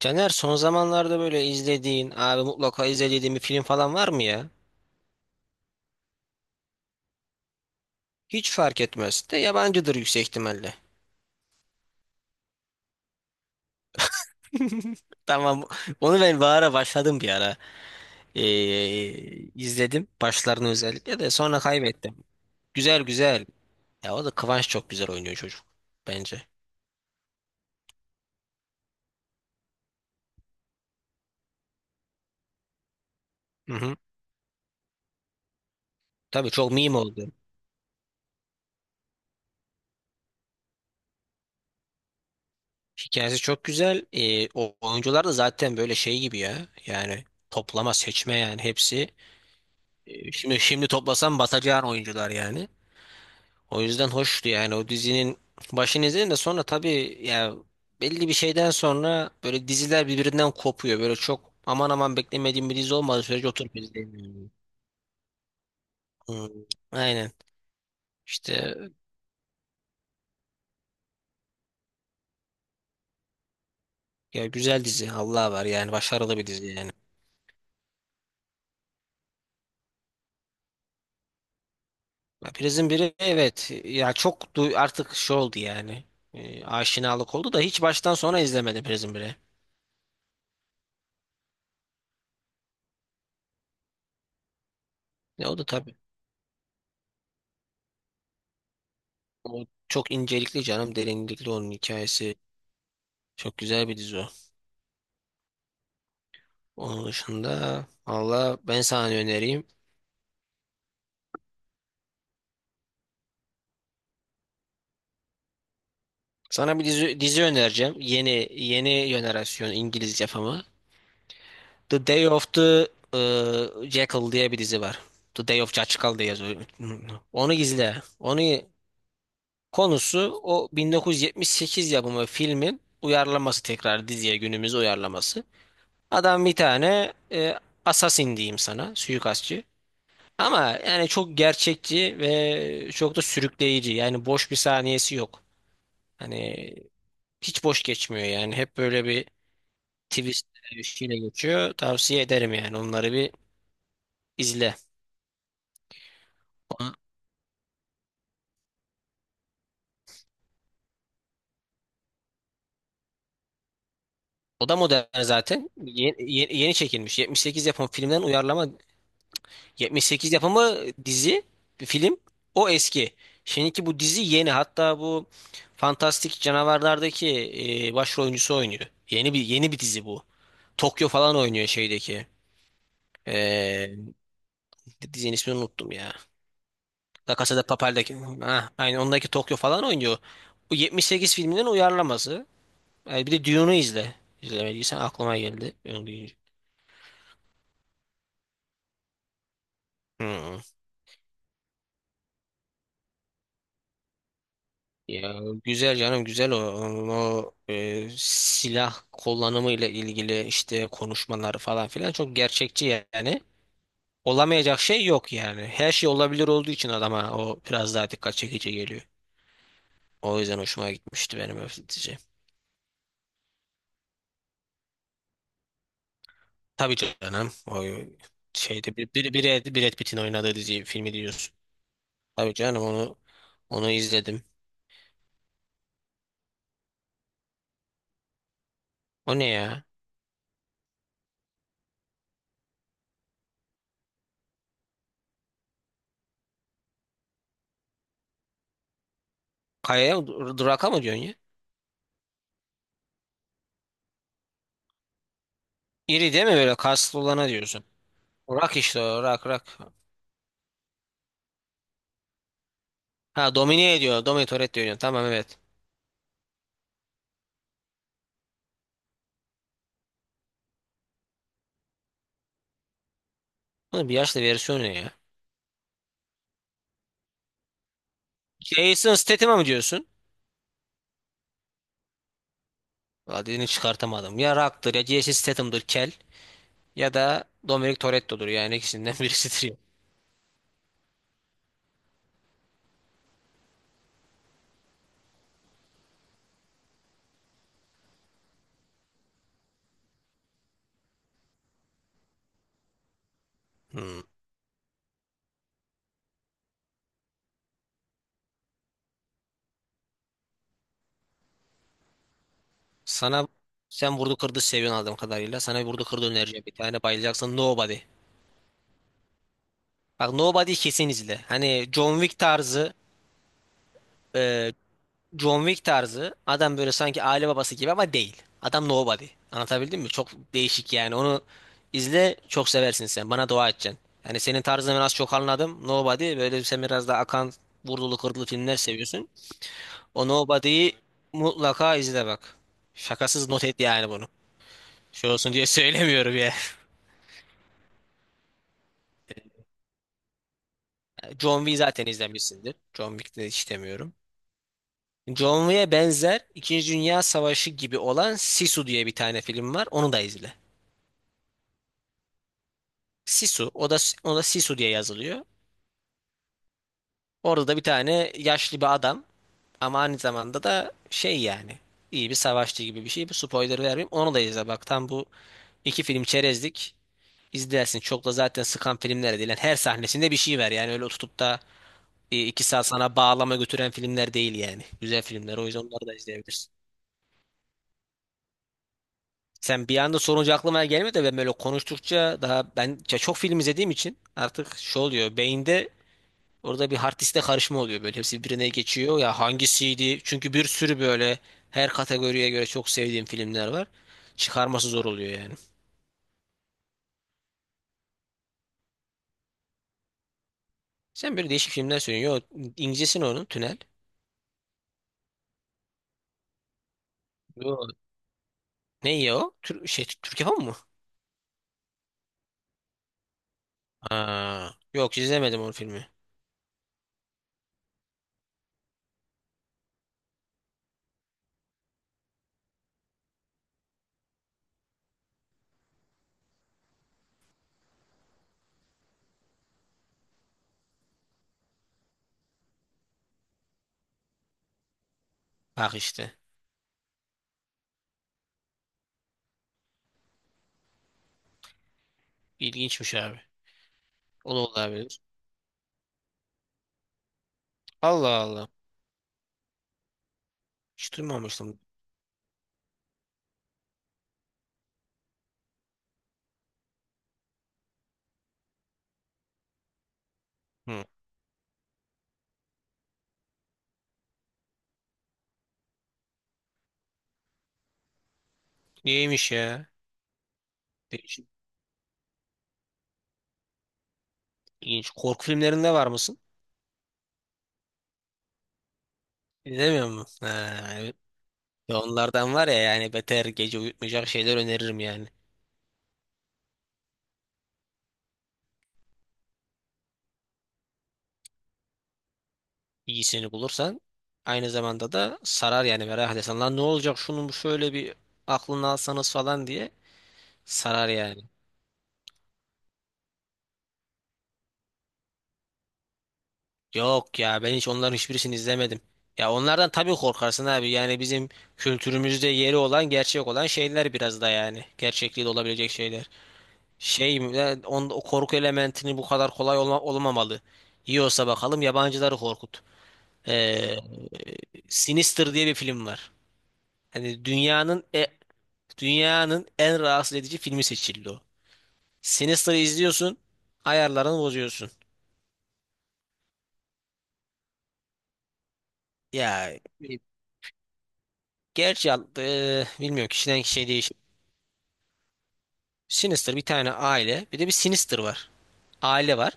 Caner son zamanlarda böyle izlediğin, abi mutlaka izlediğin bir film falan var mı ya? Hiç fark etmez. De yabancıdır yüksek ihtimalle. Tamam. Onu ben bir ara başladım bir ara. Ee, izledim. Başlarını özellikle de sonra kaybettim. Güzel güzel. Ya o da Kıvanç çok güzel oynuyor çocuk. Bence. Hı hı. Tabii çok meme oldu. Hikayesi çok güzel. O oyuncular da zaten böyle şey gibi ya. Yani toplama seçme yani hepsi. Şimdi toplasam batacağın oyuncular yani. O yüzden hoştu yani o dizinin başını izledim de sonra tabii ya belli bir şeyden sonra böyle diziler birbirinden kopuyor. Böyle çok aman aman beklemediğim bir dizi olmadığı sürece oturup izleyemiyorum. Hmm, Aynen. İşte ya güzel dizi Allah var yani başarılı bir dizi yani. Ya Prison biri evet ya çok du- artık şey oldu yani. Aşinalık oldu da hiç baştan sona izlemedim Prison biri. Ya o da tabii. O çok incelikli canım derinlikli onun hikayesi. Çok güzel bir dizi o. Onun dışında valla ben sana ne önereyim. Sana bir dizi önereceğim. Yeni yeni jenerasyon İngiliz yapımı. The Day of the e, Jackal diye bir dizi var. The Day of Jackal diye yazıyor. Onu izle. Onu konusu o 1978 yapımı filmin uyarlaması tekrar diziye günümüz uyarlaması. Adam bir tane assassin diyeyim sana, suikastçı. Ama yani çok gerçekçi ve çok da sürükleyici. Yani boş bir saniyesi yok. Hani hiç boş geçmiyor yani. Hep böyle bir twist bir şeyle geçiyor. Tavsiye ederim yani. Onları bir izle. Ona- O da modern zaten. Yeni, çekilmiş. 78 yapımı filmden uyarlama. 78 yapımı dizi, bir film. O eski. Şimdiki bu dizi yeni. Hatta bu Fantastik Canavarlar'daki başrol oyuncusu oynuyor. Yeni bir dizi bu. Tokyo falan oynuyor şeydeki. E, Dizinin ismini unuttum ya. La Casa de Papel'deki. Ha, aynı ondaki Tokyo falan oynuyor. Bu 78 filminin uyarlaması. Yani bir de Dune'u izle. İzlemediysen aklıma geldi. Onu deyince. Hı. Ya güzel canım güzel o. O silah kullanımı ile ilgili işte konuşmaları falan filan çok gerçekçi yani. Olamayacak şey yok yani. Her şey olabilir olduğu için adama o biraz daha dikkat çekici geliyor. O yüzden hoşuma gitmişti benim öfletici. Tabii canım. O şeyde bir Brad Pitt'in oynadığı dizi filmi diyorsun. Tabii canım onu izledim. O ne ya? Kayaya dur- duraka mı diyorsun ya? İri değil mi böyle kaslı olana diyorsun. Rak işte o rak rak. Ha domine ediyor. Dominator et diyorsun. Tamam evet. Bunun bir yaşlı versiyonu ne ya? Jason Statham'a mı diyorsun? Adını çıkartamadım. Ya Rock'tır ya Jason Statham'dır kel. Ya da Dominic Toretto'dur yani ikisinden birisidir ya. Hmm. Sana sen vurdu kırdı seviyorsun aldığım kadarıyla. Sana bir vurdu kırdı önereceğim. Bir tane bayılacaksın. Nobody. Bak Nobody kesin izle. Hani John Wick tarzı e, John Wick tarzı adam böyle sanki aile babası gibi ama değil. Adam Nobody. Anlatabildim mi? Çok değişik yani. Onu izle çok seversin sen. Bana dua edeceksin. Yani senin tarzını ben az çok anladım. Nobody böyle sen biraz daha akan vurdulu kırdılı filmler seviyorsun. O Nobody'yi mutlaka izle bak. Şakasız not et yani bunu. Şey olsun diye söylemiyorum ya. John Wick zaten izlemişsindir. John Wick'te hiç demiyorum. John Wick'e benzer İkinci Dünya Savaşı gibi olan Sisu diye bir tane film var. Onu da izle. Sisu. O da Sisu diye yazılıyor. Orada da bir tane yaşlı bir adam ama aynı zamanda da şey yani iyi bir savaşçı gibi bir şey. Bu spoiler vermeyeyim. Onu da izle. Bak tam bu iki film çerezlik. İzlersin. Çok da zaten sıkan filmler değil. Yani her sahnesinde bir şey var. Yani öyle tutup da iki saat sana bağlama götüren filmler değil yani. Güzel filmler. O yüzden onları da izleyebilirsin. Sen bir anda sorunca aklıma gelmedi de ben böyle konuştukça daha ben ya çok film izlediğim için artık şu oluyor beyinde orada bir hard diskte karışma oluyor böyle hepsi birbirine geçiyor ya hangisiydi çünkü bir sürü böyle her kategoriye göre çok sevdiğim filmler var çıkarması zor oluyor yani. Sen böyle değişik filmler söylüyorsun. Yo İngilizcesi ne onun Tünel. Yo. Ne ya o? Tür şey Türk yapımı mı? Ha. Yok izlemedim onun filmi. Bak işte. İlginçmiş abi. O da olabilir. Allah Allah. Hiç duymamıştım. Hı. İyiymiş ya. Değişik, ilginç. Korku filmlerinde var mısın? İzlemiyor musun? Ha, evet. Ya onlardan var ya yani beter gece uyutmayacak şeyler öneririm yani. İyisini bulursan aynı zamanda da sarar yani merak edersen. Lan ne olacak şunun şöyle bir aklını alsanız falan diye sarar yani. Yok ya ben hiç onların hiçbirisini izlemedim. Ya onlardan tabii korkarsın abi yani bizim kültürümüzde yeri olan gerçek olan şeyler biraz da yani. Gerçekliği de olabilecek şeyler. Şey o korku elementini bu kadar kolay olmamalı. Yiyorsa bakalım yabancıları korkut. Ee, Sinister diye bir film var. Hani dünyanın dünyanın en rahatsız edici filmi seçildi o. Sinister'ı izliyorsun, ayarlarını bozuyorsun. Ya e, gerçi bilmiyorum kişiden kişiye değişir. Sinister bir tane aile, bir de bir Sinister var. Aile var.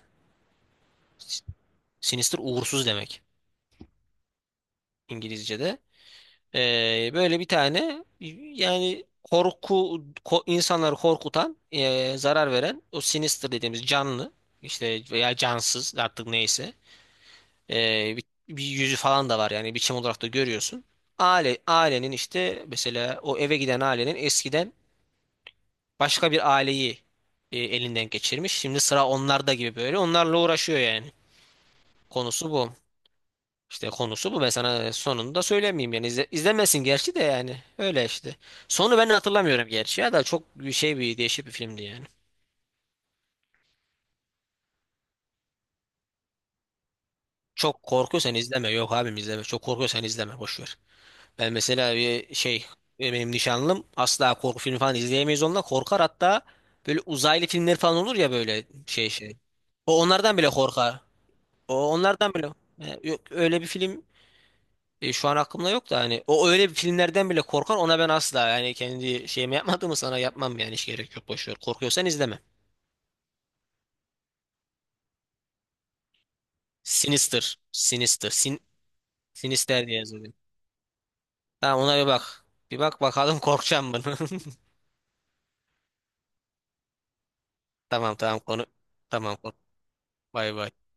Sinister uğursuz demek İngilizce'de. Böyle bir tane yani korku ko- insanları korkutan, zarar veren o sinister dediğimiz canlı işte veya cansız artık neyse ee, bir, bir yüzü falan da var yani biçim olarak da görüyorsun. Aile ailenin işte mesela o eve giden ailenin eskiden başka bir aileyi elinden geçirmiş. Şimdi sıra onlarda gibi böyle onlarla uğraşıyor yani. Konusu bu. İşte konusu bu. Ben sana sonunu da söylemeyeyim yani. İzle, izlemesin gerçi de yani. Öyle işte. Sonu ben hatırlamıyorum gerçi ya da çok bir şey bir değişik bir filmdi yani. Çok korkuyorsan izleme. Yok abim izleme. Çok korkuyorsan izleme. Boş ver. Ben mesela bir şey benim nişanlım asla korku filmi falan izleyemeyiz onunla korkar hatta böyle uzaylı filmler falan olur ya böyle şey. O onlardan bile korkar. O onlardan bile. Yok öyle bir film. Şu an aklımda yok da hani o öyle bir filmlerden bile korkan ona ben asla yani kendi şeyimi yapmadığımı sana yapmam yani hiç gerek yok boş ver. Korkuyorsan izleme. Sinister. Sinister. Sin Sinister diye yazılıyor. Tamam ona bir bak. Bir bak bakalım korkacağım mı? Tamam tamam konu. Tamam kork. Bay bay.